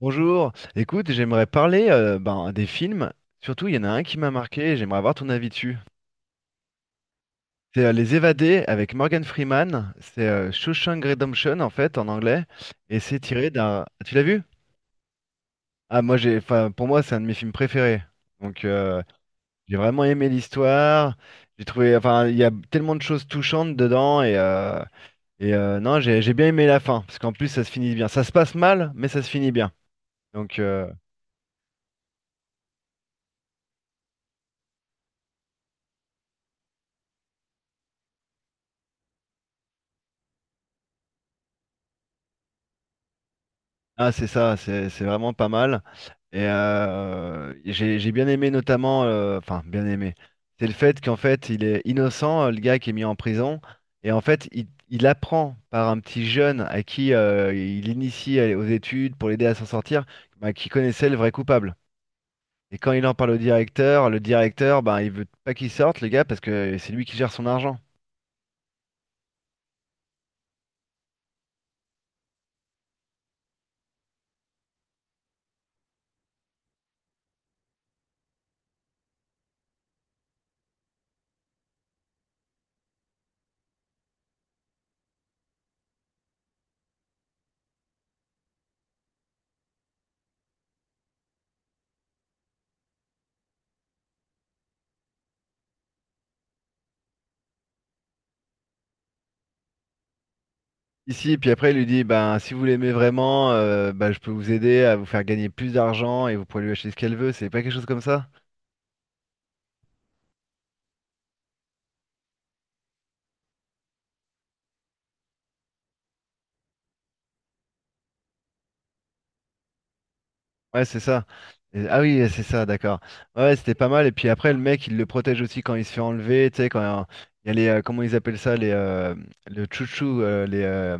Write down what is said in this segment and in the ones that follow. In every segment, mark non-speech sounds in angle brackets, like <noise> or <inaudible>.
Bonjour, écoute, j'aimerais parler ben, des films. Surtout, il y en a un qui m'a marqué et j'aimerais avoir ton avis dessus. C'est Les Évadés avec Morgan Freeman. C'est Shawshank Redemption en fait en anglais. Tu l'as vu? Enfin, pour moi, c'est un de mes films préférés. Donc j'ai vraiment aimé l'histoire. Enfin, il y a tellement de choses touchantes dedans. Non, j'ai bien aimé la fin. Parce qu'en plus ça se finit bien. Ça se passe mal mais ça se finit bien. Donc... euh, Ah, c'est ça, c'est vraiment pas mal. Et j'ai bien aimé notamment, enfin bien aimé, c'est le fait qu'en fait il est innocent, le gars qui est mis en prison, et en fait il apprend par un petit jeune à qui il initie aux études pour l'aider à s'en sortir, bah, qui connaissait le vrai coupable. Et quand il en parle au directeur, le directeur, ben il veut pas qu'il sorte le gars parce que c'est lui qui gère son argent. Ici, puis après, il lui dit, ben, si vous l'aimez vraiment, ben, je peux vous aider à vous faire gagner plus d'argent et vous pourrez lui acheter ce qu'elle veut. C'est pas quelque chose comme ça? Ouais, c'est ça. Ah, oui, c'est ça, d'accord. Ouais, ouais, c'était pas mal. Et puis après, le mec, il le protège aussi quand il se fait enlever. Tu sais, quand il y a les, comment ils appellent ça, les, le chouchou, les,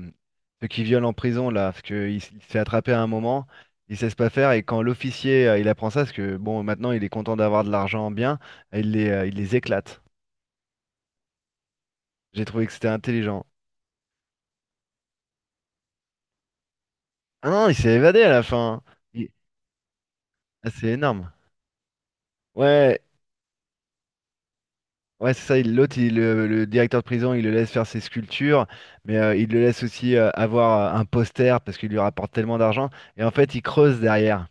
ceux qui violent en prison, là, parce il se fait attraper à un moment, il sait pas faire. Et quand l'officier, il apprend ça, parce que bon, maintenant, il est content d'avoir de l'argent bien, il les éclate. J'ai trouvé que c'était intelligent. Ah non, il s'est évadé à la fin. Il- Ah, c'est énorme. Ouais, ouais, c'est ça. L'autre, le directeur de prison, il le laisse faire ses sculptures, mais il le laisse aussi avoir un poster parce qu'il lui rapporte tellement d'argent. Et en fait, il creuse derrière.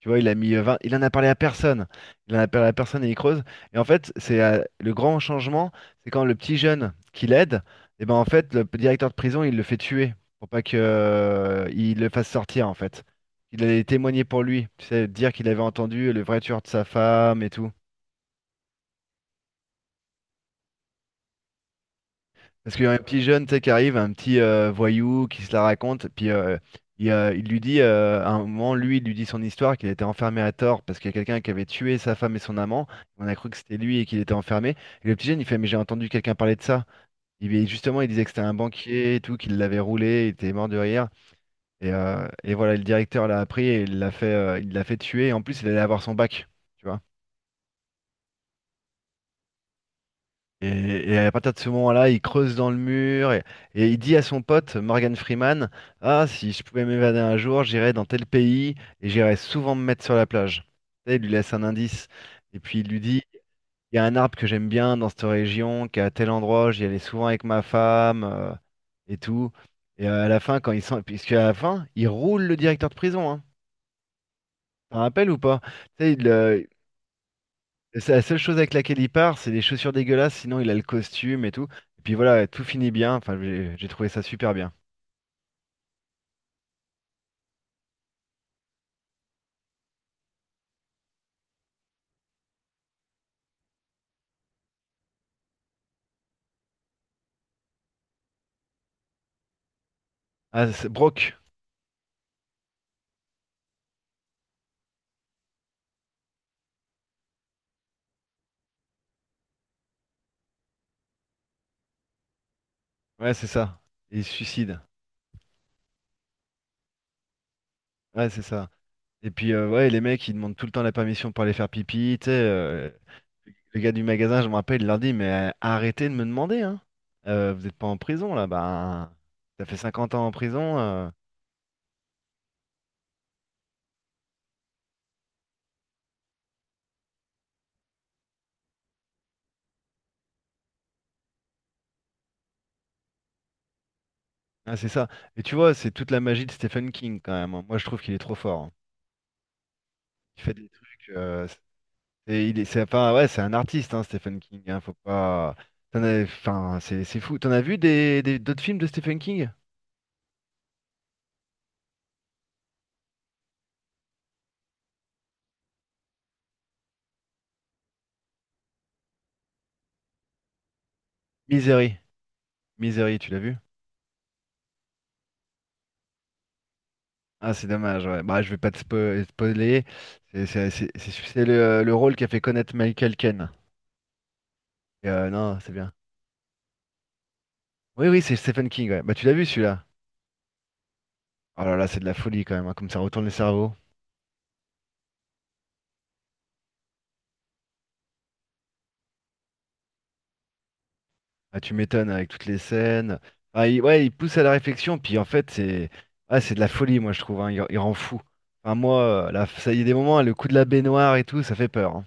Tu vois, il a mis 20 il en a parlé à personne. Il en a parlé à personne et il creuse. Et en fait, c'est le grand changement, c'est quand le petit jeune qui l'aide, et ben en fait, directeur de prison, il le fait tuer pour pas que il le fasse sortir en fait. Il allait témoigner pour lui, tu sais, dire qu'il avait entendu le vrai tueur de sa femme et tout. Parce qu'il y a un petit jeune, tu sais, qui arrive, un petit voyou qui se la raconte, puis il lui dit, à un moment, lui, il lui dit son histoire, qu'il était enfermé à tort parce qu'il y a quelqu'un qui avait tué sa femme et son amant. On a cru que c'était lui et qu'il était enfermé. Et le petit jeune, il fait, mais j'ai entendu quelqu'un parler de ça. Et justement, il disait que c'était un banquier et tout, qu'il l'avait roulé, il était mort de rire. Et voilà, le directeur l'a appris et il l'a fait tuer. Et en plus, il allait avoir son bac, tu vois. Et à partir de ce moment-là, il creuse dans le mur et il dit à son pote Morgan Freeman, ah, si je pouvais m'évader un jour, j'irais dans tel pays et j'irais souvent me mettre sur la plage. Tu sais, il lui laisse un indice. Et puis il lui dit, il y a un arbre que j'aime bien dans cette région, qui est à tel endroit, j'y allais souvent avec ma femme et tout. Et à la fin, quand il sent, puisque à la fin, il roule le directeur de prison, hein. T'en rappelles ou pas? Tu sais, il, euh, c'est la seule chose avec laquelle il part, c'est les chaussures dégueulasses, sinon il a le costume et tout. Et puis voilà, tout finit bien. Enfin, j'ai trouvé ça super bien. Ah, c'est Brock. Ouais, c'est ça. Et il se suicide. Ouais, c'est ça. Et puis, ouais, les mecs, ils demandent tout le temps la permission pour aller faire pipi. Tu sais, le gars du magasin, je me rappelle, il leur dit, mais arrêtez de me demander, hein. Vous n'êtes pas en prison, là. Bah, ça fait 50 ans en prison. Ah, c'est ça. Et tu vois, c'est toute la magie de Stephen King, quand même, hein. Moi, je trouve qu'il est trop fort, hein. Il fait des trucs. Et il est, c'est, enfin, ouais, c'est un artiste, hein, Stephen King, hein. Faut pas. Enfin, c'est fou. T'en as vu des, d'autres films de Stephen King? Misery. Misery, tu l'as vu? Ah, c'est dommage. Ouais. Bah, je vais pas te spoiler. C'est le rôle qui a fait connaître Michael Caine. Et, non, c'est bien. Oui, oui, c'est Stephen King, ouais. Bah, tu l'as vu celui-là? Oh là là, c'est de la folie quand même, hein, comme ça retourne le cerveau. Ah, tu m'étonnes avec toutes les scènes. Ah, ouais, il pousse à la réflexion, puis en fait, c'est de la folie, moi, je trouve, hein. Il rend fou. Enfin, moi, là, ça y est, des moments, hein, le coup de la baignoire et tout, ça fait peur, hein.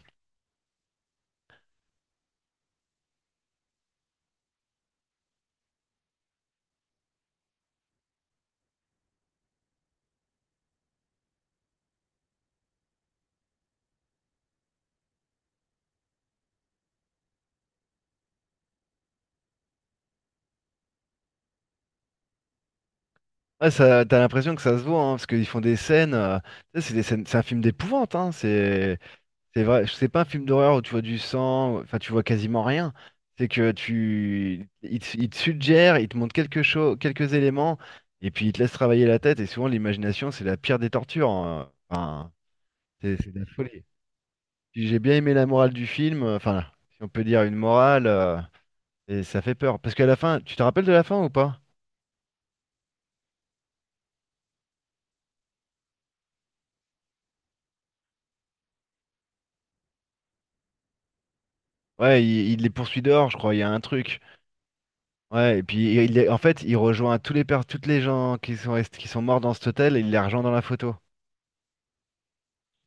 Ouais, ça, t'as l'impression que ça se voit, hein, parce qu'ils font des scènes. Ça, c'est des scènes, c'est un film d'épouvante. Hein, c'est vrai, c'est pas un film d'horreur où tu vois du sang, enfin, tu vois quasiment rien. C'est que tu. Il te, Il te suggère, il te montre quelque chose, quelques éléments, et puis il te laisse travailler la tête, et souvent, l'imagination, c'est la pire des tortures, hein. Enfin, c'est de la folie. Puis j'ai bien aimé la morale du film, enfin, si on peut dire une morale, et ça fait peur. Parce qu'à la fin, tu te rappelles de la fin ou pas? Ouais, il les poursuit dehors, je crois, il y a un truc. Ouais, et puis en fait, il rejoint tous les toutes les gens qui sont qui sont morts dans cet hôtel et il les rejoint dans la photo.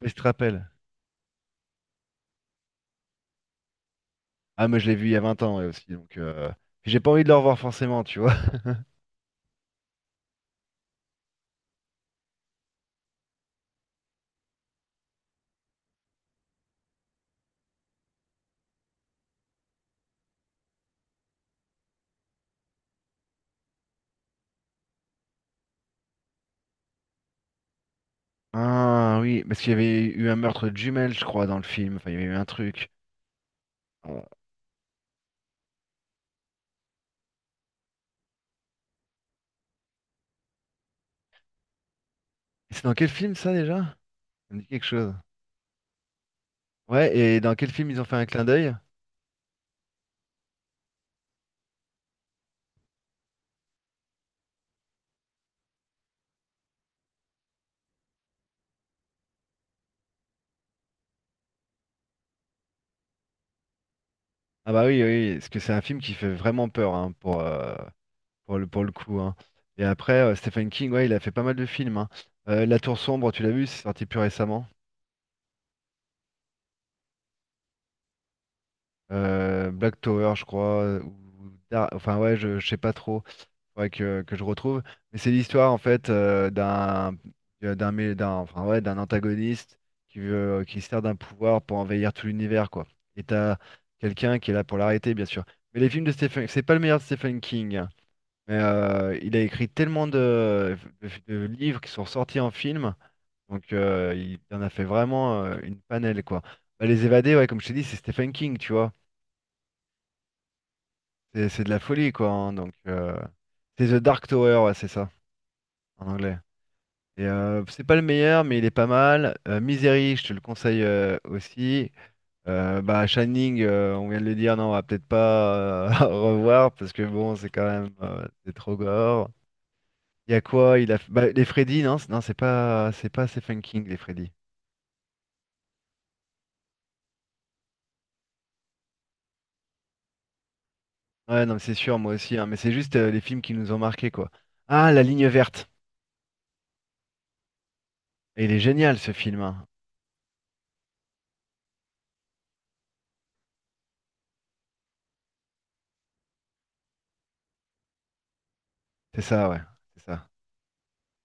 Et je te rappelle. Ah, moi, je l'ai vu il y a 20 ans ouais, aussi, donc j'ai pas envie de le revoir forcément, tu vois. <laughs> Ah oui, parce qu'il y avait eu un meurtre de jumelles, je crois, dans le film. Enfin, il y avait eu un truc. Euh, C'est dans quel film ça déjà? Ça me dit quelque chose. Ouais, et dans quel film ils ont fait un clin d'œil? Ah bah oui, oui, parce que c'est un film qui fait vraiment peur, hein, pour le coup, hein. Et après, Stephen King, ouais, il a fait pas mal de films, hein. La Tour Sombre, tu l'as vu, c'est sorti plus récemment. Black Tower, je crois. Ou enfin ouais, je sais pas trop. Faudrait que je retrouve. Mais c'est l'histoire en fait d'un enfin, ouais, d'un antagoniste qui veut qui sert d'un pouvoir pour envahir tout l'univers quoi. Et t'as quelqu'un qui est là pour l'arrêter bien sûr. Mais les films de Stephen, c'est pas le meilleur de Stephen King, hein. Mais il a écrit tellement de, de livres qui sont sortis en film, donc il en a fait vraiment une panelle quoi. Bah, les évadés, ouais, comme je t'ai dit, c'est Stephen King, tu vois. C'est de la folie quoi, hein, donc c'est The Dark Tower, ouais, c'est ça en anglais. Et, c'est pas le meilleur, mais il est pas mal. Misery, je te le conseille aussi. Bah, Shining, on vient de le dire, non, on va peut-être pas <laughs> revoir parce que bon, c'est quand même c'est trop gore. Il y a quoi? Il a bah, les Freddy, non, non, c'est pas Stephen King les Freddy. Ouais, non, mais c'est sûr, moi aussi, hein, mais c'est juste les films qui nous ont marqués quoi. Ah, La Ligne verte. Et il est génial ce film, hein. C'est ça, ouais, c'est ça.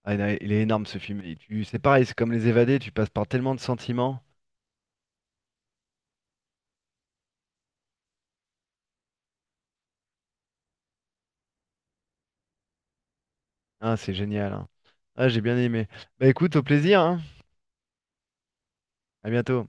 Ah, il est énorme ce film. Et c'est pareil, c'est comme Les Évadés, tu passes par tellement de sentiments. Ah, c'est génial, hein. Ah, j'ai bien aimé. Bah écoute, au plaisir, hein. À bientôt.